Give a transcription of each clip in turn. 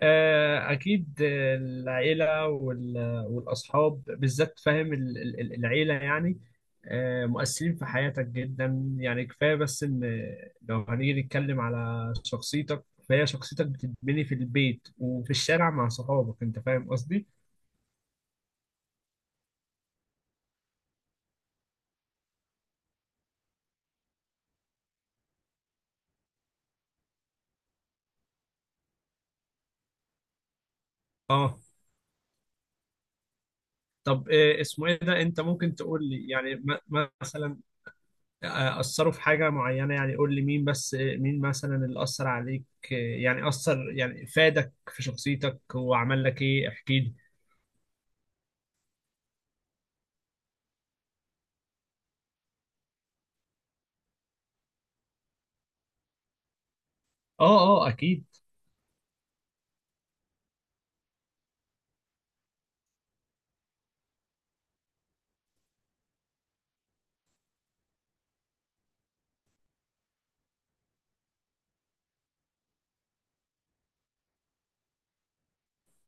أكيد. العيلة والأصحاب بالذات، فاهم العيلة يعني، مؤثرين في حياتك جدا، يعني كفاية بس إن لو هنيجي نتكلم على شخصيتك فهي شخصيتك بتتبني في البيت وفي الشارع مع صحابك. أنت فاهم قصدي؟ آه. طب، اسمه إيه ده؟ أنت ممكن تقول لي يعني مثلا أثروا في حاجة معينة، يعني قول لي مين، بس مين مثلا اللي أثر عليك، يعني أثر يعني فادك في شخصيتك وعمل لك إيه، احكي لي. آه. آه أكيد.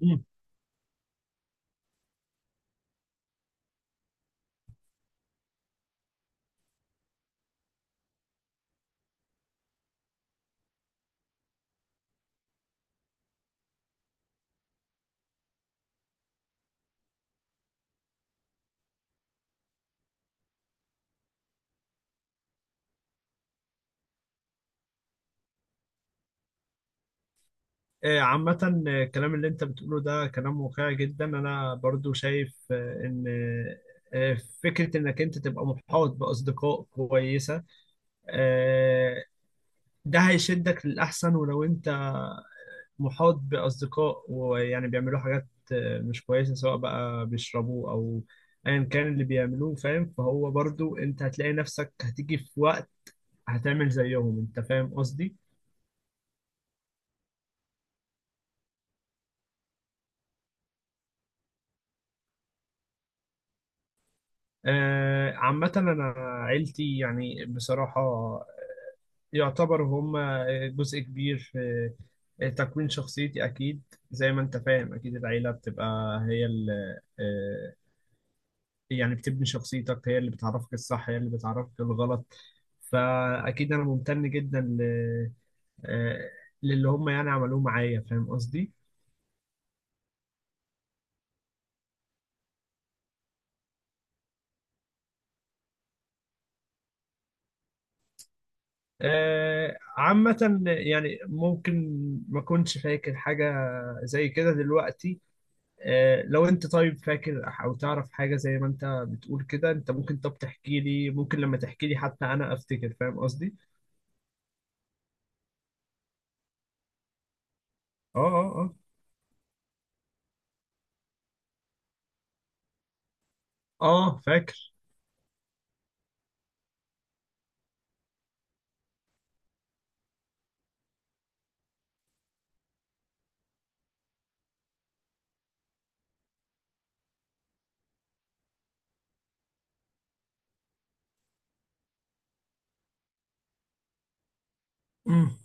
مم. عامة، الكلام اللي أنت بتقوله ده كلام واقعي جدا. أنا برضو شايف، إن آه، فكرة إنك أنت تبقى محاط بأصدقاء كويسة آه، ده هيشدك للأحسن. ولو أنت محاط بأصدقاء ويعني بيعملوا حاجات، مش كويسة، سواء بقى بيشربوا أو أيا كان اللي بيعملوه، فاهم، فهو برضو أنت هتلاقي نفسك هتيجي في وقت هتعمل زيهم. أنت فاهم قصدي؟ عامة أنا عيلتي يعني بصراحة يعتبر هم جزء كبير في تكوين شخصيتي أكيد. زي ما أنت فاهم، أكيد العيلة بتبقى هي يعني بتبني شخصيتك، هي اللي بتعرفك الصح هي اللي بتعرفك الغلط، فأكيد أنا ممتن جدا ل... آه، للي هم يعني عملوه معايا. فاهم قصدي؟ عامة يعني ممكن ما كنتش فاكر حاجة زي كده دلوقتي. لو أنت طيب فاكر أو تعرف حاجة زي ما أنت بتقول كده، أنت ممكن طب تحكي لي، ممكن لما تحكي لي حتى أنا أفتكر. فاهم قصدي؟ آه آه آه. آه فاكر. امم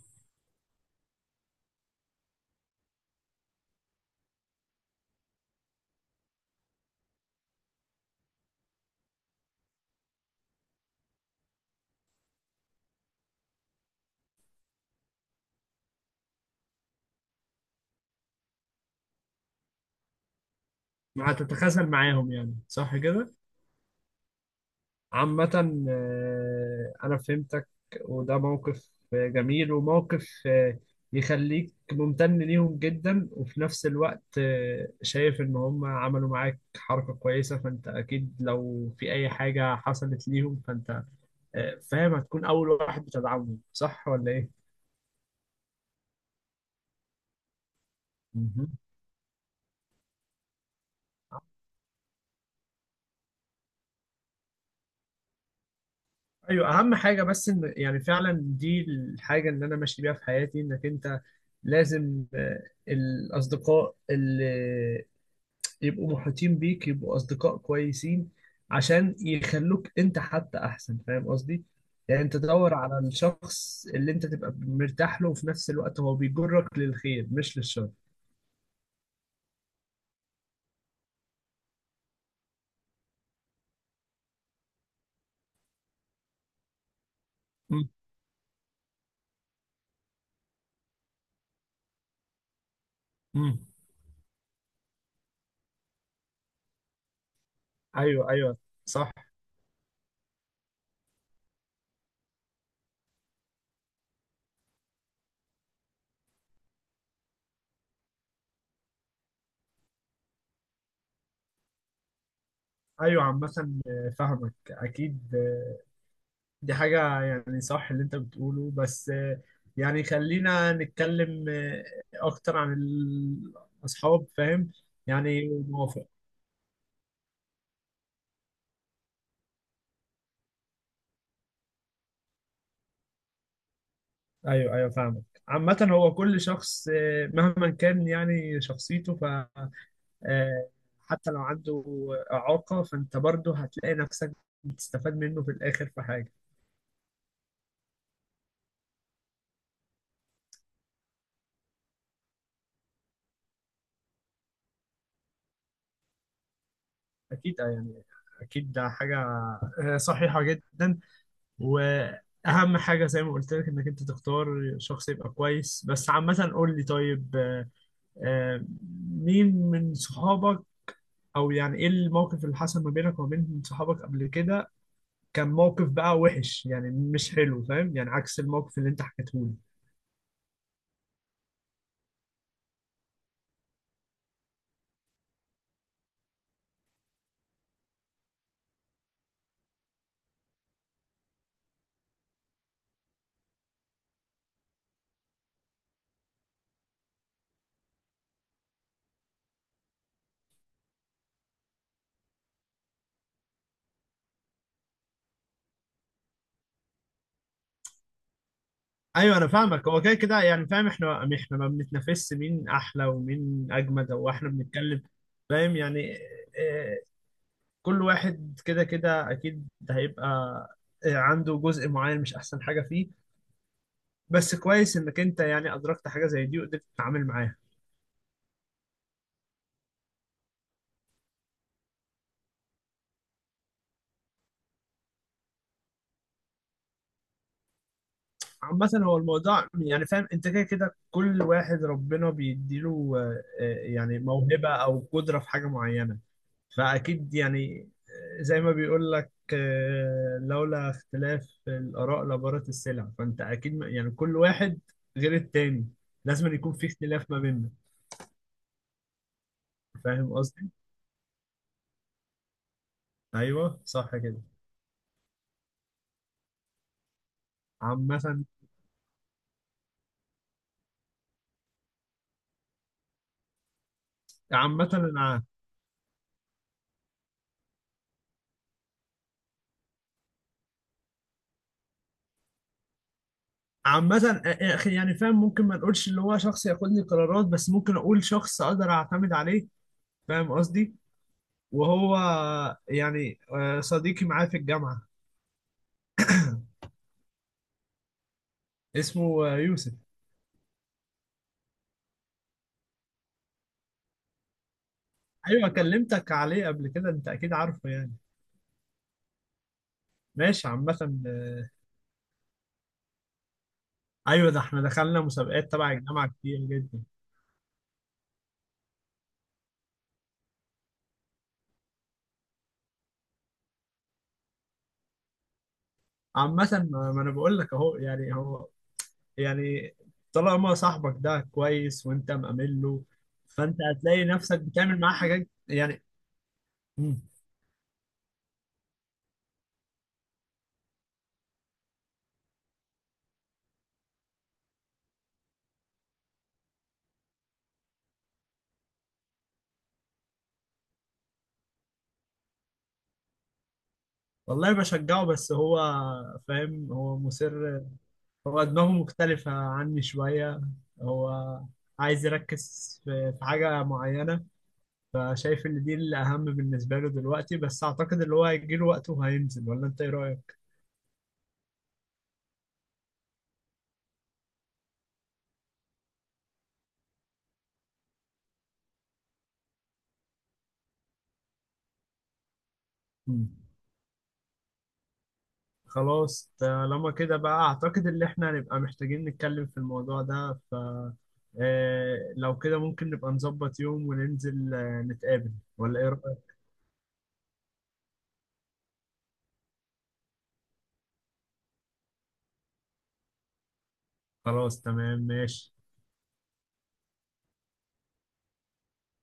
هتتخاذل معاهم يعني صح كده؟ عامة، أنا فهمتك، وده موقف جميل، وموقف يخليك ممتن ليهم جدا. وفي نفس الوقت، شايف إن هم عملوا معاك حركة كويسة، فأنت أكيد لو في أي حاجة حصلت ليهم فأنت، فاهم، هتكون أول واحد بتدعمهم. صح ولا إيه؟ مهم. ايوه، اهم حاجه بس ان يعني فعلا دي الحاجه اللي انا ماشي بيها في حياتي، انك انت لازم، الاصدقاء يبقوا محيطين بيك، يبقوا أصدقاء كويسين عشان يخلوك أنت حتى أحسن. فاهم قصدي؟ يعني أنت تدور على الشخص اللي أنت تبقى مرتاح له، وفي نفس الوقت هو بيجرك للخير مش للشر. مم. مم. أيوه أيوه. صح. أيوه، عامة، فاهمك أكيد. دي حاجة يعني صح اللي أنت بتقوله، بس، يعني خلينا نتكلم، أكتر عن الأصحاب. فاهم؟ يعني ايوه ايوه فاهمك. عامة هو كل شخص، مهما كان يعني شخصيته، ف آه، حتى لو عنده إعاقة فأنت برضه هتلاقي نفسك بتستفاد منه في الآخر في حاجة. أكيد، يعني أكيد ده حاجة صحيحة جدا. وأهم حاجة زي ما قلت لك إنك أنت تختار شخص يبقى كويس. بس عامة قول لي، طيب آه، مين من صحابك أو يعني إيه الموقف اللي حصل ما بينك وما بين صحابك قبل كده؟ كان موقف بقى وحش يعني مش حلو، فاهم، يعني عكس الموقف اللي انت حكيته لي. ايوه انا فاهمك. هو كده كده يعني، فاهم، احنا ما بنتنافسش مين احلى ومين اجمد، او احنا بنتكلم. فاهم يعني آه، كل واحد كده كده اكيد هيبقى عنده جزء معين مش احسن حاجه فيه. بس كويس انك انت يعني ادركت حاجه زي دي وقدرت تتعامل معاها. عامه هو الموضوع يعني، فاهم، انت كده كده كل واحد ربنا بيديله يعني موهبه او قدره في حاجه معينه. فأكيد يعني، زي ما بيقول لك، لولا اختلاف الآراء لبارت السلع. فأنت أكيد يعني كل واحد غير التاني، لازم أن يكون في اختلاف ما بيننا. فاهم قصدي؟ أيوه صح كده. عامة. عامة أنا عامة، يا أخي يعني، فاهم، ممكن ما نقولش اللي هو شخص ياخد لي قرارات، بس ممكن أقول شخص أقدر أعتمد عليه. فاهم قصدي؟ وهو يعني، صديقي معاه في الجامعة. اسمه يوسف. ايوه كلمتك عليه قبل كده، انت اكيد عارفه يعني. ماشي. عامة. ايوه ده احنا دخلنا مسابقات تبع الجامعة كتير جدا. عامة، ما انا بقول لك اهو يعني هو يعني طالما صاحبك ده كويس وانت مأمن له، فانت هتلاقي نفسك بتعمل معاه حاجات يعني. مم. والله بشجعه، بس هو فاهم، هو مصر. هو دماغه مختلفة عني شوية. هو عايز يركز في حاجة معينة، فشايف ان دي الاهم بالنسبه له دلوقتي. بس اعتقد اللي هو هيجي له وقته وهينزل، ولا انت ايه رايك؟ مم. خلاص طالما كده بقى اعتقد ان احنا هنبقى محتاجين نتكلم في الموضوع ده. ف، لو كده ممكن نبقى نظبط يوم وننزل نتقابل. ولا ايه رأيك؟ خلاص تمام ماشي.